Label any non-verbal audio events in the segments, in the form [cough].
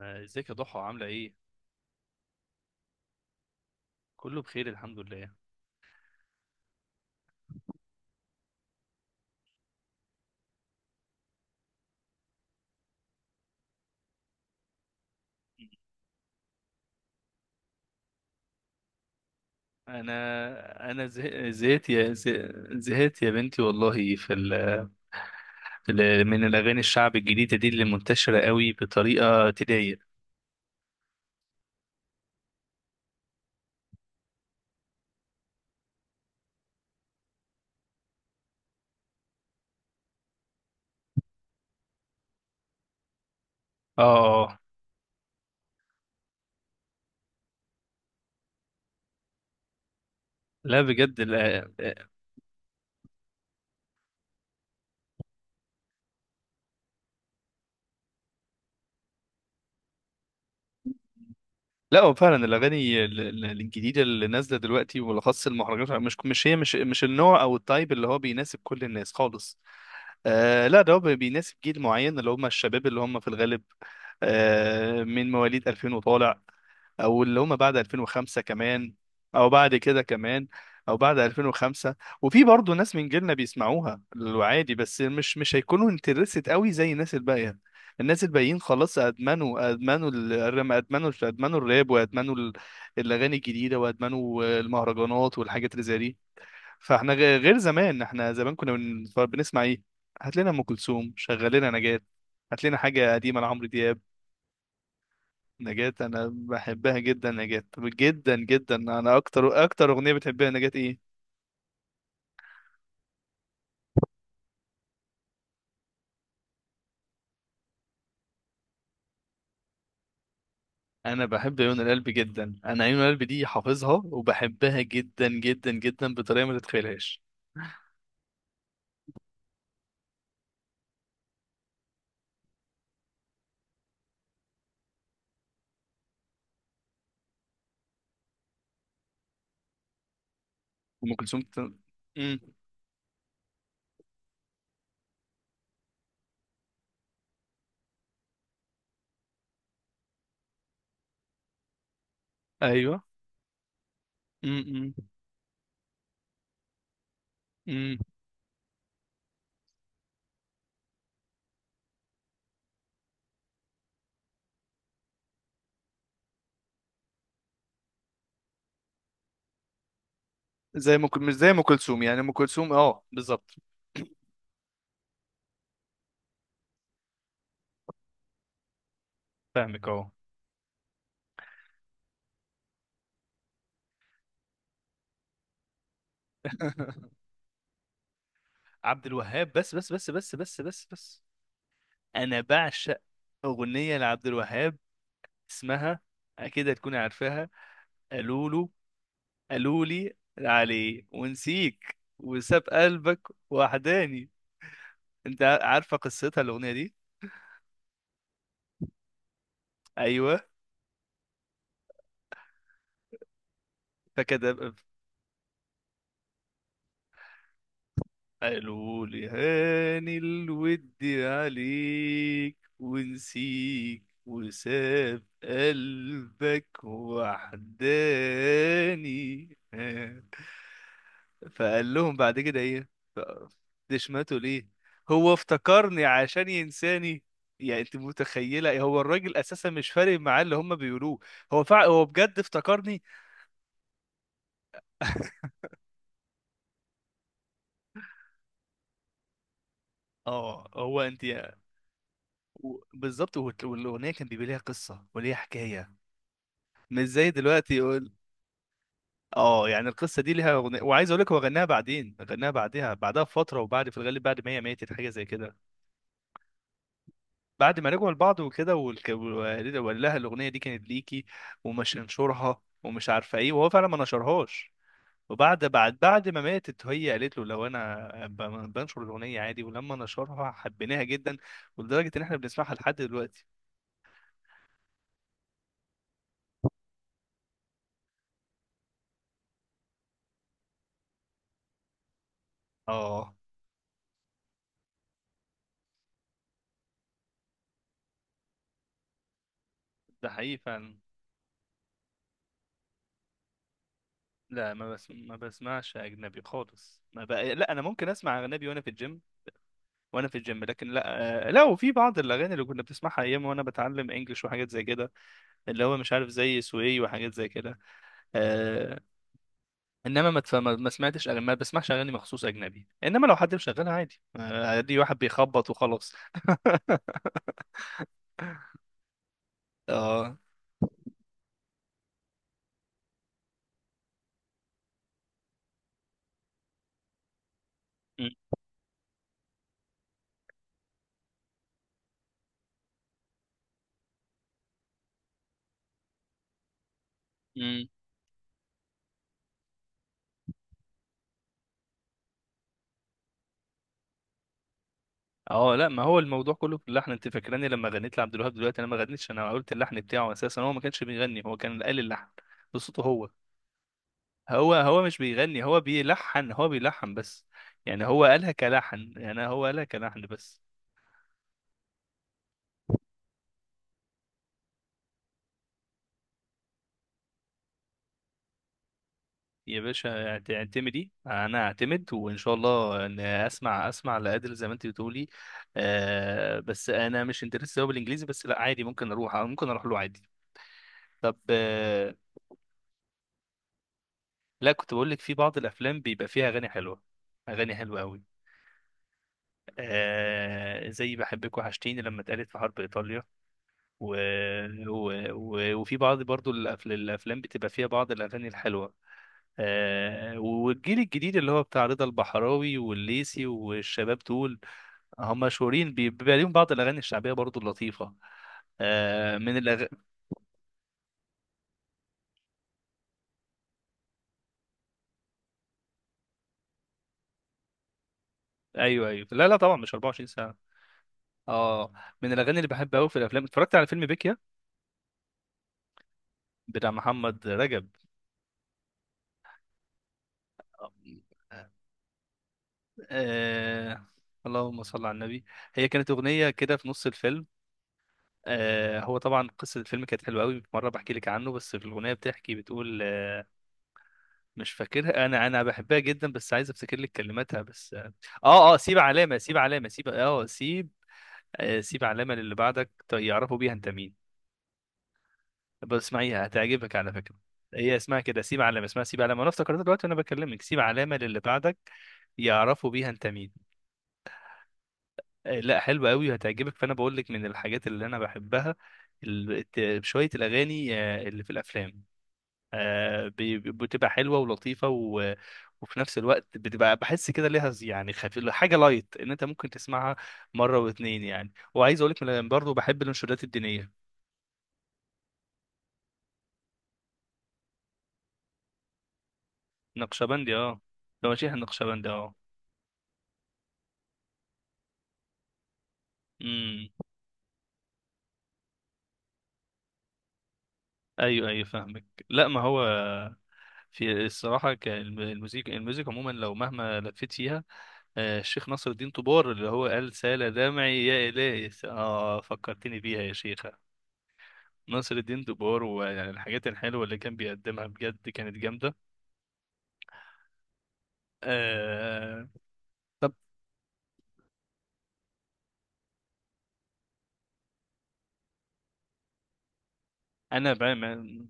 آه، ازيك يا ضحى عاملة ايه؟ كله بخير الحمد لله. انا زهقت يا بنتي والله من الاغاني الشعب الجديدة دي اللي منتشرة قوي بطريقة تضايق. اه لا بجد لا، لا هو فعلا الاغاني الجديدة اللي نازلة دلوقتي وبالاخص المهرجانات مش مش هي مش مش النوع او التايب اللي هو بيناسب كل الناس خالص. آه لا ده هو بيناسب جيل معين اللي هم الشباب اللي هم في الغالب آه من مواليد 2000 وطالع، او اللي هم بعد 2005 كمان، او بعد كده كمان، او بعد 2005. وفي برضه ناس من جيلنا بيسمعوها عادي، بس مش هيكونوا انترست قوي زي الناس الباقيه. الناس الباقيين خلاص ادمنوا ال- الرم ادمنوا الراب، وادمنوا الاغاني الجديده، وادمنوا المهرجانات والحاجات اللي زي دي. فاحنا غير زمان، احنا زمان كنا بنسمع ايه؟ هات لنا ام كلثوم، شغل لنا نجاة، هات لنا حاجه قديمه لعمرو دياب. نجاة انا بحبها جدا، نجاة جدا جدا، انا اكتر اكتر اغنيه بتحبها نجاة ايه؟ انا بحب عيون القلب جدا، انا عيون القلب دي حافظها وبحبها جدا جدا جدا بطريقه ما تتخيلهاش. ام كلثوم. امم ايوه. امم امم زي ما مش زي ام كلثوم، يعني ام كلثوم اه بالظبط. [coughs] فاهمك اهو. [laughs] عبد الوهاب بس بس بس بس بس بس بس. انا بعشق اغنيه لعبد الوهاب، اسمها اكيد هتكوني عارفاها. قالوا له قالوا لي عليه ونسيك وساب قلبك وحداني. انت عارفه قصتها الاغنيه دي؟ ايوه، فكده. قالوا لي هاني الود عليك ونسيك وساب قلبك وحداني. [laughs] فقال لهم بعد كده ايه؟ دشمته ليه؟ هو افتكرني عشان ينساني. يعني انت متخيله، هو الراجل اساسا مش فارق معاه اللي هم بيقولوه. هو بجد افتكرني. [laughs] اه هو انت بالظبط، والاغنيه كان بيبقى ليها قصه وليها حكايه، مش زي دلوقتي يقول. اه، يعني القصه دي ليها أغنية، وعايز اقول لك هو غناها بعدين، غناها بعدها بعدها بفتره، وبعد في الغالب بعد ما هي ماتت، حاجه زي كده. بعد ما رجعوا لبعض وكده وقال لها الاغنيه دي كانت ليكي، ومش انشرها ومش عارفه ايه، وهو فعلا ما نشرهاش. وبعد بعد بعد ما ماتت هي قالت له لو انا بنشر الاغنيه عادي، ولما نشرها حبيناها جدا، ولدرجه ان احنا بنسمعها لحد دلوقتي. اه ده حقيقي فعلا. لا ما ما بسمعش اجنبي خالص، ما بقى... لا انا ممكن اسمع اجنبي وانا في الجيم. وانا في الجيم لكن لا، آه، لا، وفي بعض الاغاني اللي كنا بنسمعها ايام وانا بتعلم انجلش وحاجات زي كده، اللي هو مش عارف زي سوي وحاجات زي كده. آه، انما ما, تف- ما ما سمعتش أغاني- ما بسمعش اغاني مخصوص اجنبي، انما لو حد مشغلها عادي، عادي، واحد بيخبط وخلاص. [laughs] اه م- م. اه لا، ما هو الموضوع كله في اللحن. انت فاكراني لما غنيت لعبد الوهاب دلوقتي، انا ما غنيتش، انا قلت اللحن بتاعه، اساسا هو ما كانش بيغني، هو كان قال اللحن بصوته هو مش بيغني، هو بيلحن، هو بيلحن بس. يعني هو قالها كلحن، يعني هو قالها كلحن بس. يا باشا اعتمدي، انا اعتمد وان شاء الله ان اسمع، اسمع لادل زي ما انت بتقولي. آه بس انا مش انترست قوي بالانجليزي، بس لا عادي، ممكن اروح، ممكن اروح له عادي. طب لا، كنت بقول لك في بعض الافلام بيبقى فيها اغاني حلوه، اغاني حلوه قوي. آه زي بحبك وحشتيني لما اتقالت في حرب ايطاليا، و... وفي بعض برضو الافلام بتبقى فيها بعض الاغاني الحلوه. آه والجيل الجديد اللي هو بتاع رضا البحراوي والليسي والشباب دول، هم مشهورين، بيبقى ليهم بعض الاغاني الشعبيه برضو اللطيفه. آه من الأغ... ايوه ايوه، لا لا طبعا مش 24 ساعه. اه من الاغاني اللي بحبها قوي في الافلام، اتفرجت على فيلم بيكيا بتاع محمد رجب. آه... اللهم صل على النبي، هي كانت اغنيه كده في نص الفيلم. آه هو طبعا قصه الفيلم كانت حلوه قوي، مره بحكي لك عنه، بس في الاغنيه بتحكي، بتقول آه، مش فاكرها، انا انا بحبها جدا بس عايز افتكر لك كلماتها، بس سيب علامه، سيب علامه، سيب اه سيب آه، سيب علامة للي بعدك يعرفوا بيها انت مين. بس اسمعيها هتعجبك على فكرة. هي اسمها كده سيب علامة، اسمها سيب علامة، انا افتكرتها دلوقتي وانا بكلمك، سيب علامة للي بعدك يعرفوا بيها انت مين. آه، لا حلوة قوي وهتعجبك. فانا بقول لك من الحاجات اللي انا بحبها شوية الاغاني اللي في الافلام، بتبقى حلوة ولطيفة وفي نفس الوقت بتبقى، بحس كده ليها يعني خفيف، حاجة لايت ان انت ممكن تسمعها مرة واتنين يعني. وعايز اقول لك برضه بحب الانشودات الدينية. نقشبندي اه، تواشيح النقشبندي اه. امم، ايوه ايوه فاهمك. لا ما هو في الصراحه المزيك عموما لو مهما لفيت فيها، آه، الشيخ نصر الدين طبار اللي هو قال سال دمعي يا الهي، فكرتني بيها يا شيخه. نصر الدين طبار، ويعني الحاجات الحلوه اللي كان بيقدمها بجد كانت جامده. آه. طب انا بقى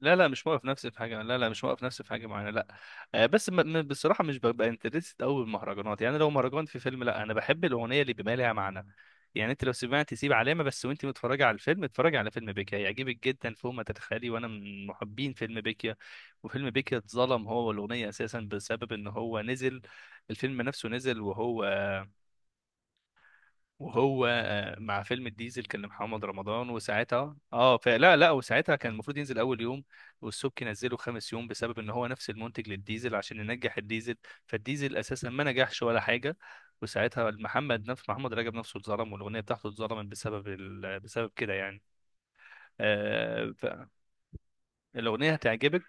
لا لا، مش واقف نفسي في حاجه، لا لا مش واقف نفسي في حاجه معينه لا. آه، بس بصراحه مش ببقى انترست قوي بالمهرجانات. يعني لو مهرجان في فيلم لا، انا بحب الاغنيه اللي بيبقى لها معنى. يعني انت لو سمعت سيب علامه بس وانت متفرجه على الفيلم، اتفرجي على فيلم بيكيا هيعجبك جدا فوق ما تتخيلي، وانا من محبين فيلم بيكيا. وفيلم بيكيا اتظلم هو والاغنيه، اساسا بسبب ان هو نزل، الفيلم نفسه نزل، وهو وهو آه، مع فيلم الديزل كان لمحمد رمضان، وساعتها اه فلا لا، وساعتها كان المفروض ينزل اول يوم، والسبكي نزله خامس يوم بسبب ان هو نفس المنتج للديزل عشان ينجح الديزل. فالديزل اساسا ما نجحش ولا حاجه، وساعتها محمد، نفس محمد رجب نفسه، اتظلم والاغنيه بتاعته اتظلمت بسبب بسبب كده يعني. آه، فالاغنيه هتعجبك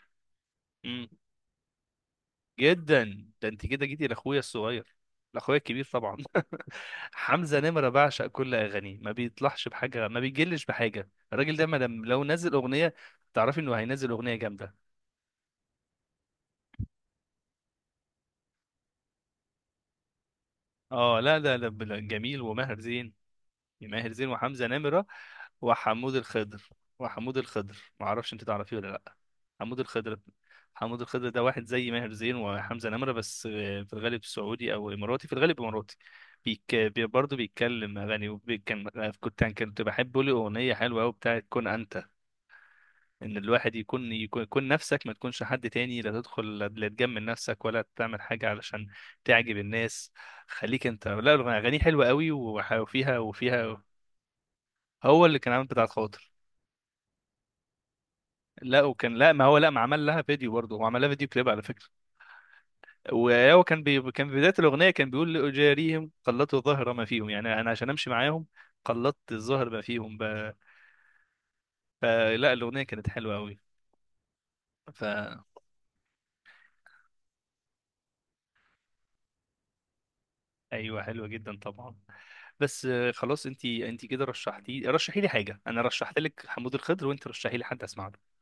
جدا. ده انت كده جيتي لاخويا الصغير، لاخويا الكبير طبعا. [laughs] حمزة نمرة، بعشق كل اغانيه، ما بيطلعش بحاجة، ما بيجلش بحاجة، الراجل ده ما لو نزل اغنية تعرفي انه هينزل اغنية جامدة. اه لا لا لا، جميل، وماهر زين، ماهر زين وحمزة نمرة وحمود الخضر. وحمود الخضر ما اعرفش انت تعرفيه ولا لا؟ حمود الخضر، حمود الخضر ده واحد زي ماهر زين وحمزة نمرة، بس آه، في الغالب سعودي او اماراتي، في الغالب اماراتي. برضه بيتكلم اغاني كان، كنت كنت بحب له اغنية حلوة قوي بتاعت كن انت، ان الواحد يكون، يكون نفسك، ما تكونش حد تاني، لا تدخل، لا تجمل نفسك ولا تعمل حاجة علشان تعجب الناس، خليك انت. لا اغاني حلوة قوي، وفيها هو اللي كان عامل بتاعة خاطر. لا وكان، لا ما هو لا، ما عمل لها فيديو، برضه هو عمل لها فيديو كليب على فكرة. وهو كان كان في بداية الأغنية كان بيقول لأجاريهم قلدت ظهر ما فيهم، يعني أنا عشان أمشي معاهم قلدت الظهر ما فيهم. فلا الأغنية كانت حلوة أوي. ف ايوه حلوة جدا طبعا. بس آه، خلاص انت انت كده رشحتي، رشحي لي حاجة، انا رشحت لك حمود الخضر، وانت رشحي لي حد اسمع له.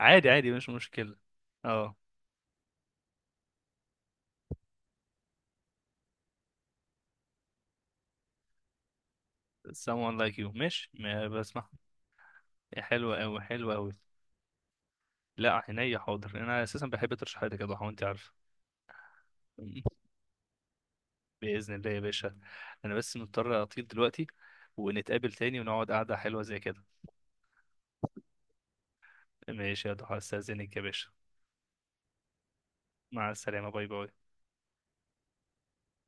عادي عادي، مش مشكلة. اه someone like you، ماشي ما بسمع. حلوة أوي حلوة أوي. لا عينيا حاضر، انا اساسا بحب ترشيحاتك يا ضحى وانت عارف. [laughs] باذن الله يا باشا، انا بس مضطر اطير دلوقتي، ونتقابل تاني ونقعد قعده حلوه زي كده. ماشي يا ضحى، استاذنك يا باشا. مع السلامه، باي باي.